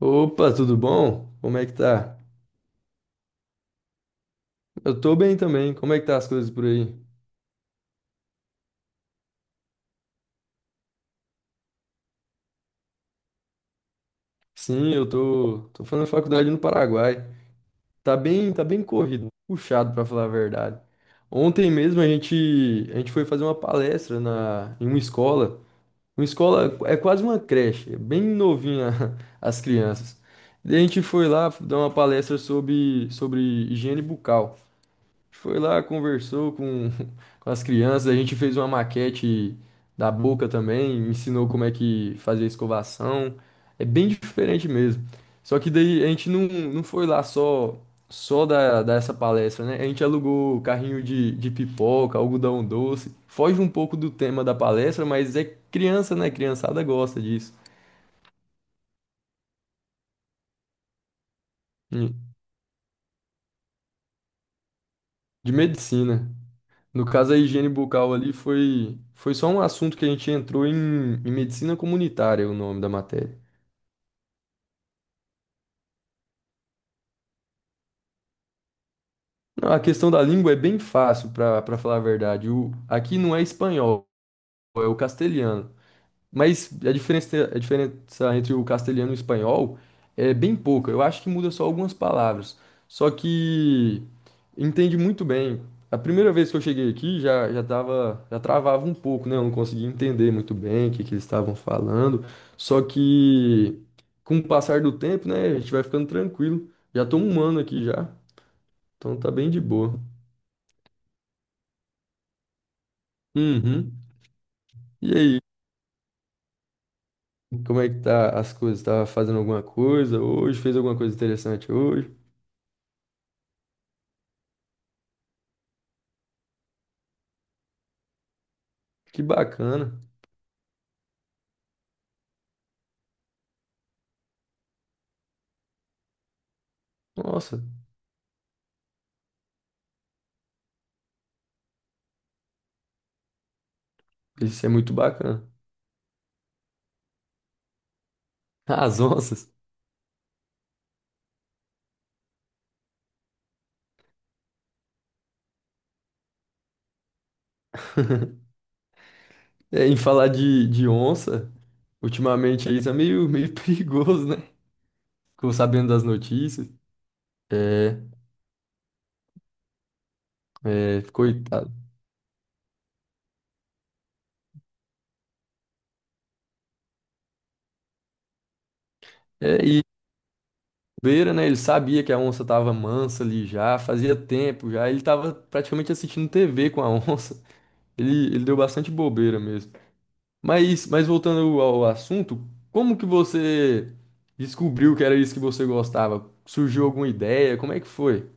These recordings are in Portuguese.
Opa, tudo bom? Como é que tá? Eu tô bem também. Como é que tá as coisas por aí? Sim, eu tô fazendo faculdade no Paraguai. Tá bem corrido, puxado pra falar a verdade. Ontem mesmo a gente foi fazer uma palestra em uma escola. Uma escola é quase uma creche, é bem novinha. As crianças. Daí a gente foi lá dar uma palestra sobre higiene bucal. Foi lá, conversou com, com as crianças, a gente fez uma maquete da boca também, ensinou como é que fazia a escovação. É bem diferente mesmo. Só que daí a gente não foi lá só dessa palestra, né? A gente alugou carrinho de pipoca, algodão doce. Foge um pouco do tema da palestra, mas é criança, né? Criançada gosta disso. De de medicina. No caso, a higiene bucal ali foi só um assunto que a gente entrou em medicina comunitária, o nome da matéria. Não, a questão da língua é bem fácil, para falar a verdade. Aqui não é espanhol, é o castelhano. Mas a diferença entre o castelhano e o espanhol é bem pouca. Eu acho que muda só algumas palavras. Só que entende muito bem. A primeira vez que eu cheguei aqui já, já travava um pouco, né? Eu não conseguia entender muito bem o que que eles estavam falando. Só que com o passar do tempo, né, a gente vai ficando tranquilo. Já tô um ano aqui já, então tá bem de boa. Uhum. E aí, como é que tá as coisas? Tá fazendo alguma coisa hoje? Fez alguma coisa interessante hoje? Que bacana. Nossa, isso é muito bacana. Ah, as onças. É, em falar de onça, ultimamente aí tá meio perigoso, né? Ficou sabendo das notícias. É, é, coitado. É, e beira, né? Ele sabia que a onça tava mansa ali já, fazia tempo já. Ele tava praticamente assistindo TV com a onça. Ele deu bastante bobeira mesmo. Mas voltando ao assunto, como que você descobriu que era isso que você gostava? Surgiu alguma ideia? Como é que foi?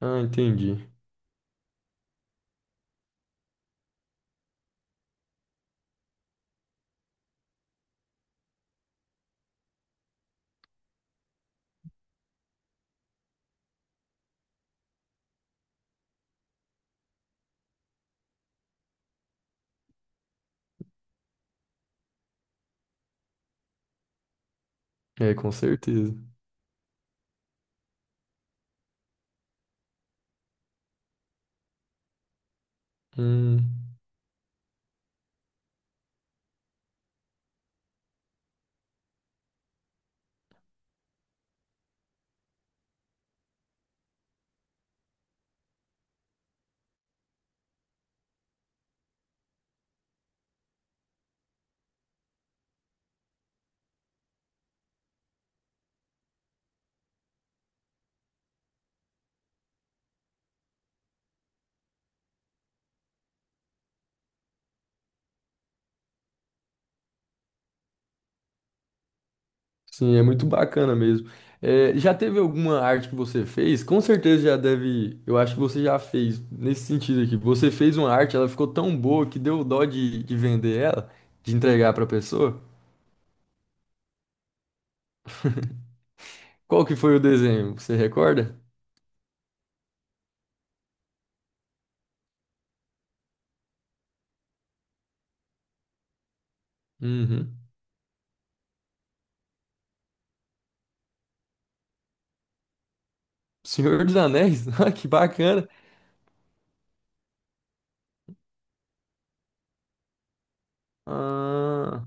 Ah, entendi. É, com certeza. Hum, sim, é muito bacana mesmo. É, já teve alguma arte que você fez? Com certeza já deve. Eu acho que você já fez nesse sentido aqui. Você fez uma arte, ela ficou tão boa que deu dó de vender ela, de entregar para pessoa. Qual que foi o desenho? Você recorda? Uhum. Senhor dos Anéis? Ah, que bacana. Ah,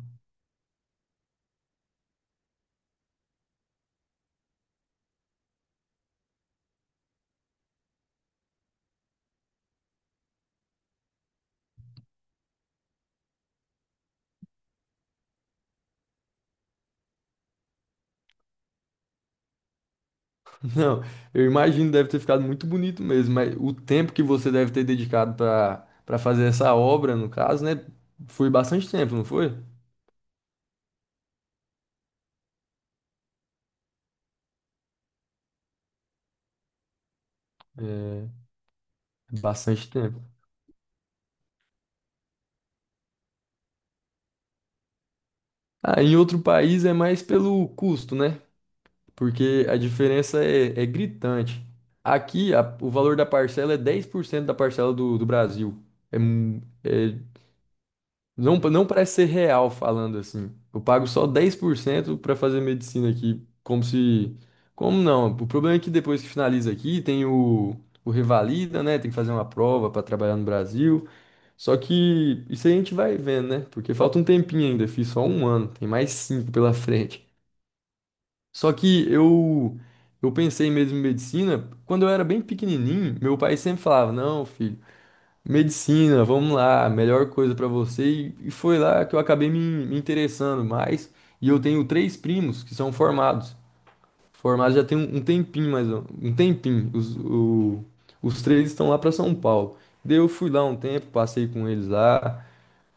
não, eu imagino deve ter ficado muito bonito mesmo, mas o tempo que você deve ter dedicado para fazer essa obra, no caso, né, foi bastante tempo, não foi? É, bastante tempo. Ah, em outro país é mais pelo custo, né? Porque a diferença é gritante. Aqui, o valor da parcela é 10% da parcela do Brasil. É. Não, não parece ser real falando assim. Eu pago só 10% para fazer medicina aqui, como se. Como não? O problema é que depois que finaliza aqui, tem o Revalida, né? Tem que fazer uma prova para trabalhar no Brasil. Só que isso aí a gente vai vendo, né? Porque falta um tempinho ainda, fiz só um ano, tem mais cinco pela frente. Só que eu pensei mesmo em medicina, quando eu era bem pequenininho, meu pai sempre falava: Não, filho. Medicina, vamos lá, melhor coisa pra você. E foi lá que eu acabei me interessando mais. E eu tenho três primos que são formados. Formados já tem um tempinho, um tempinho. Os três estão lá pra São Paulo. Daí eu fui lá um tempo, passei com eles lá.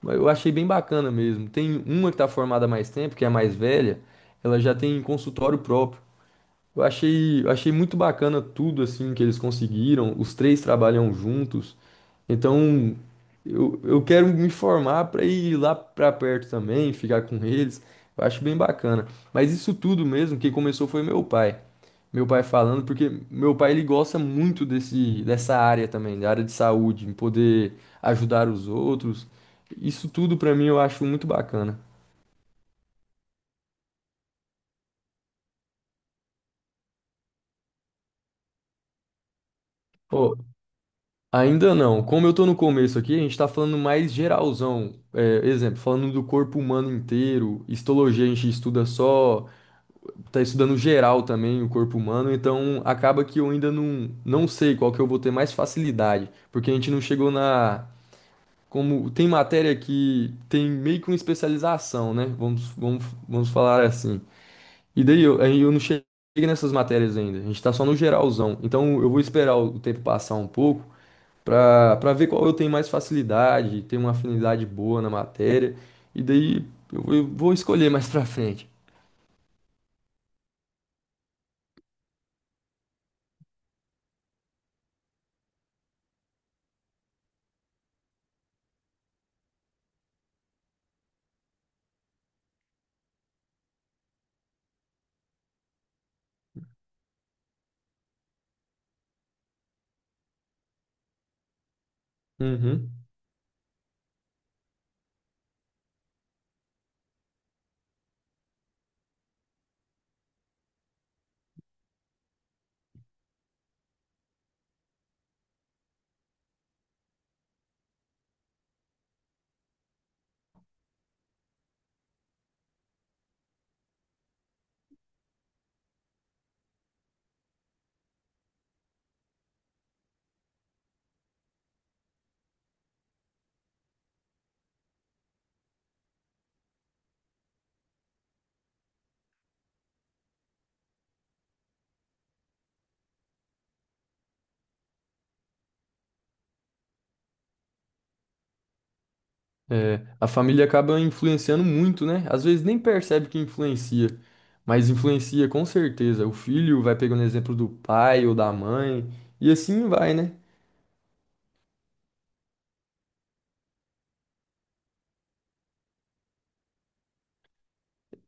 Mas eu achei bem bacana mesmo. Tem uma que tá formada há mais tempo, que é a mais velha. Ela já tem consultório próprio. Eu achei muito bacana tudo assim que eles conseguiram. Os três trabalham juntos. Então, eu quero me formar para ir lá para perto também, ficar com eles. Eu acho bem bacana. Mas isso tudo mesmo, quem começou foi meu pai. Meu pai falando, porque meu pai ele gosta muito dessa área também, da área de saúde, em poder ajudar os outros. Isso tudo para mim eu acho muito bacana. Ô, ainda não. Como eu tô no começo aqui, a gente tá falando mais geralzão. É, exemplo, falando do corpo humano inteiro. Histologia a gente estuda só, tá estudando geral também o corpo humano, então acaba que eu ainda não sei qual que eu vou ter mais facilidade, porque a gente não chegou na. Como tem matéria que tem meio que uma especialização, né? Vamos falar assim. Aí eu não cheguei nessas matérias ainda. A gente tá só no geralzão. Então eu vou esperar o tempo passar um pouco para ver qual eu tenho mais facilidade, tenho uma afinidade boa na matéria, e daí eu vou escolher mais pra frente. Uhum. É, a família acaba influenciando muito, né? Às vezes nem percebe que influencia, mas influencia com certeza. O filho vai pegando exemplo do pai ou da mãe, e assim vai, né?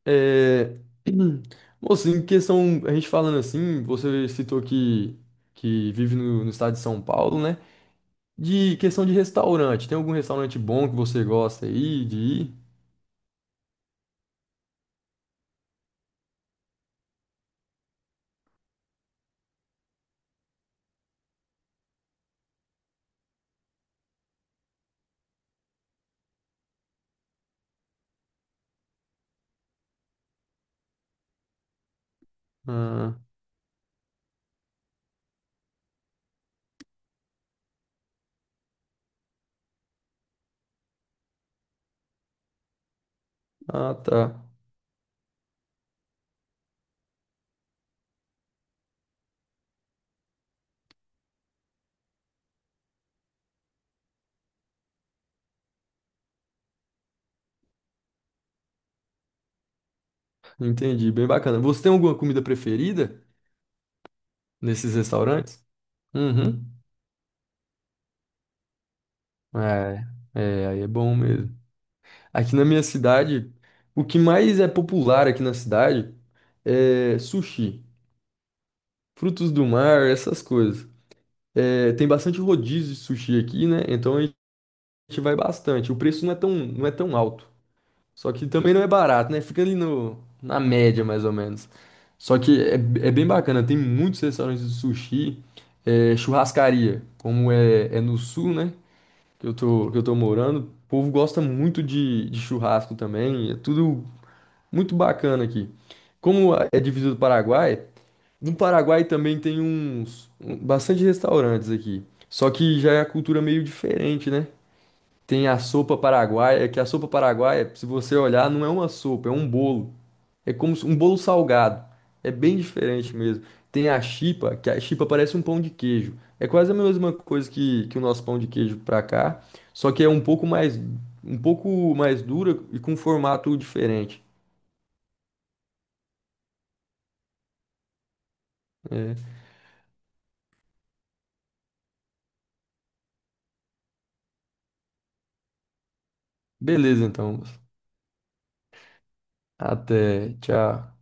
É... Moço, em questão, a gente falando assim, você citou que vive no estado de São Paulo, né? De questão de restaurante, tem algum restaurante bom que você gosta aí de ir? Ah, ah, tá. Entendi, bem bacana. Você tem alguma comida preferida nesses restaurantes? Uhum. É, é, aí é bom mesmo. Aqui na minha cidade, o que mais é popular aqui na cidade é sushi, frutos do mar, essas coisas. É, tem bastante rodízio de sushi aqui, né? Então a gente vai bastante. O preço não é tão alto. Só que também não é barato, né? Fica ali no, na média, mais ou menos. Só que é bem bacana, tem muitos restaurantes de sushi, é, churrascaria, como é no sul, né? Que eu tô morando. O povo gosta muito de churrasco também, é tudo muito bacana aqui. Como é divisa do Paraguai, no Paraguai também tem bastante restaurantes aqui. Só que já é a cultura meio diferente, né? Tem a sopa paraguaia, é que a sopa paraguaia, se você olhar, não é uma sopa, é um bolo. É como um bolo salgado. É bem diferente mesmo. Tem a chipa, que a chipa parece um pão de queijo. É quase a mesma coisa que o nosso pão de queijo pra cá, só que é um pouco mais dura e com formato diferente. É. Beleza, então. Até, tchau.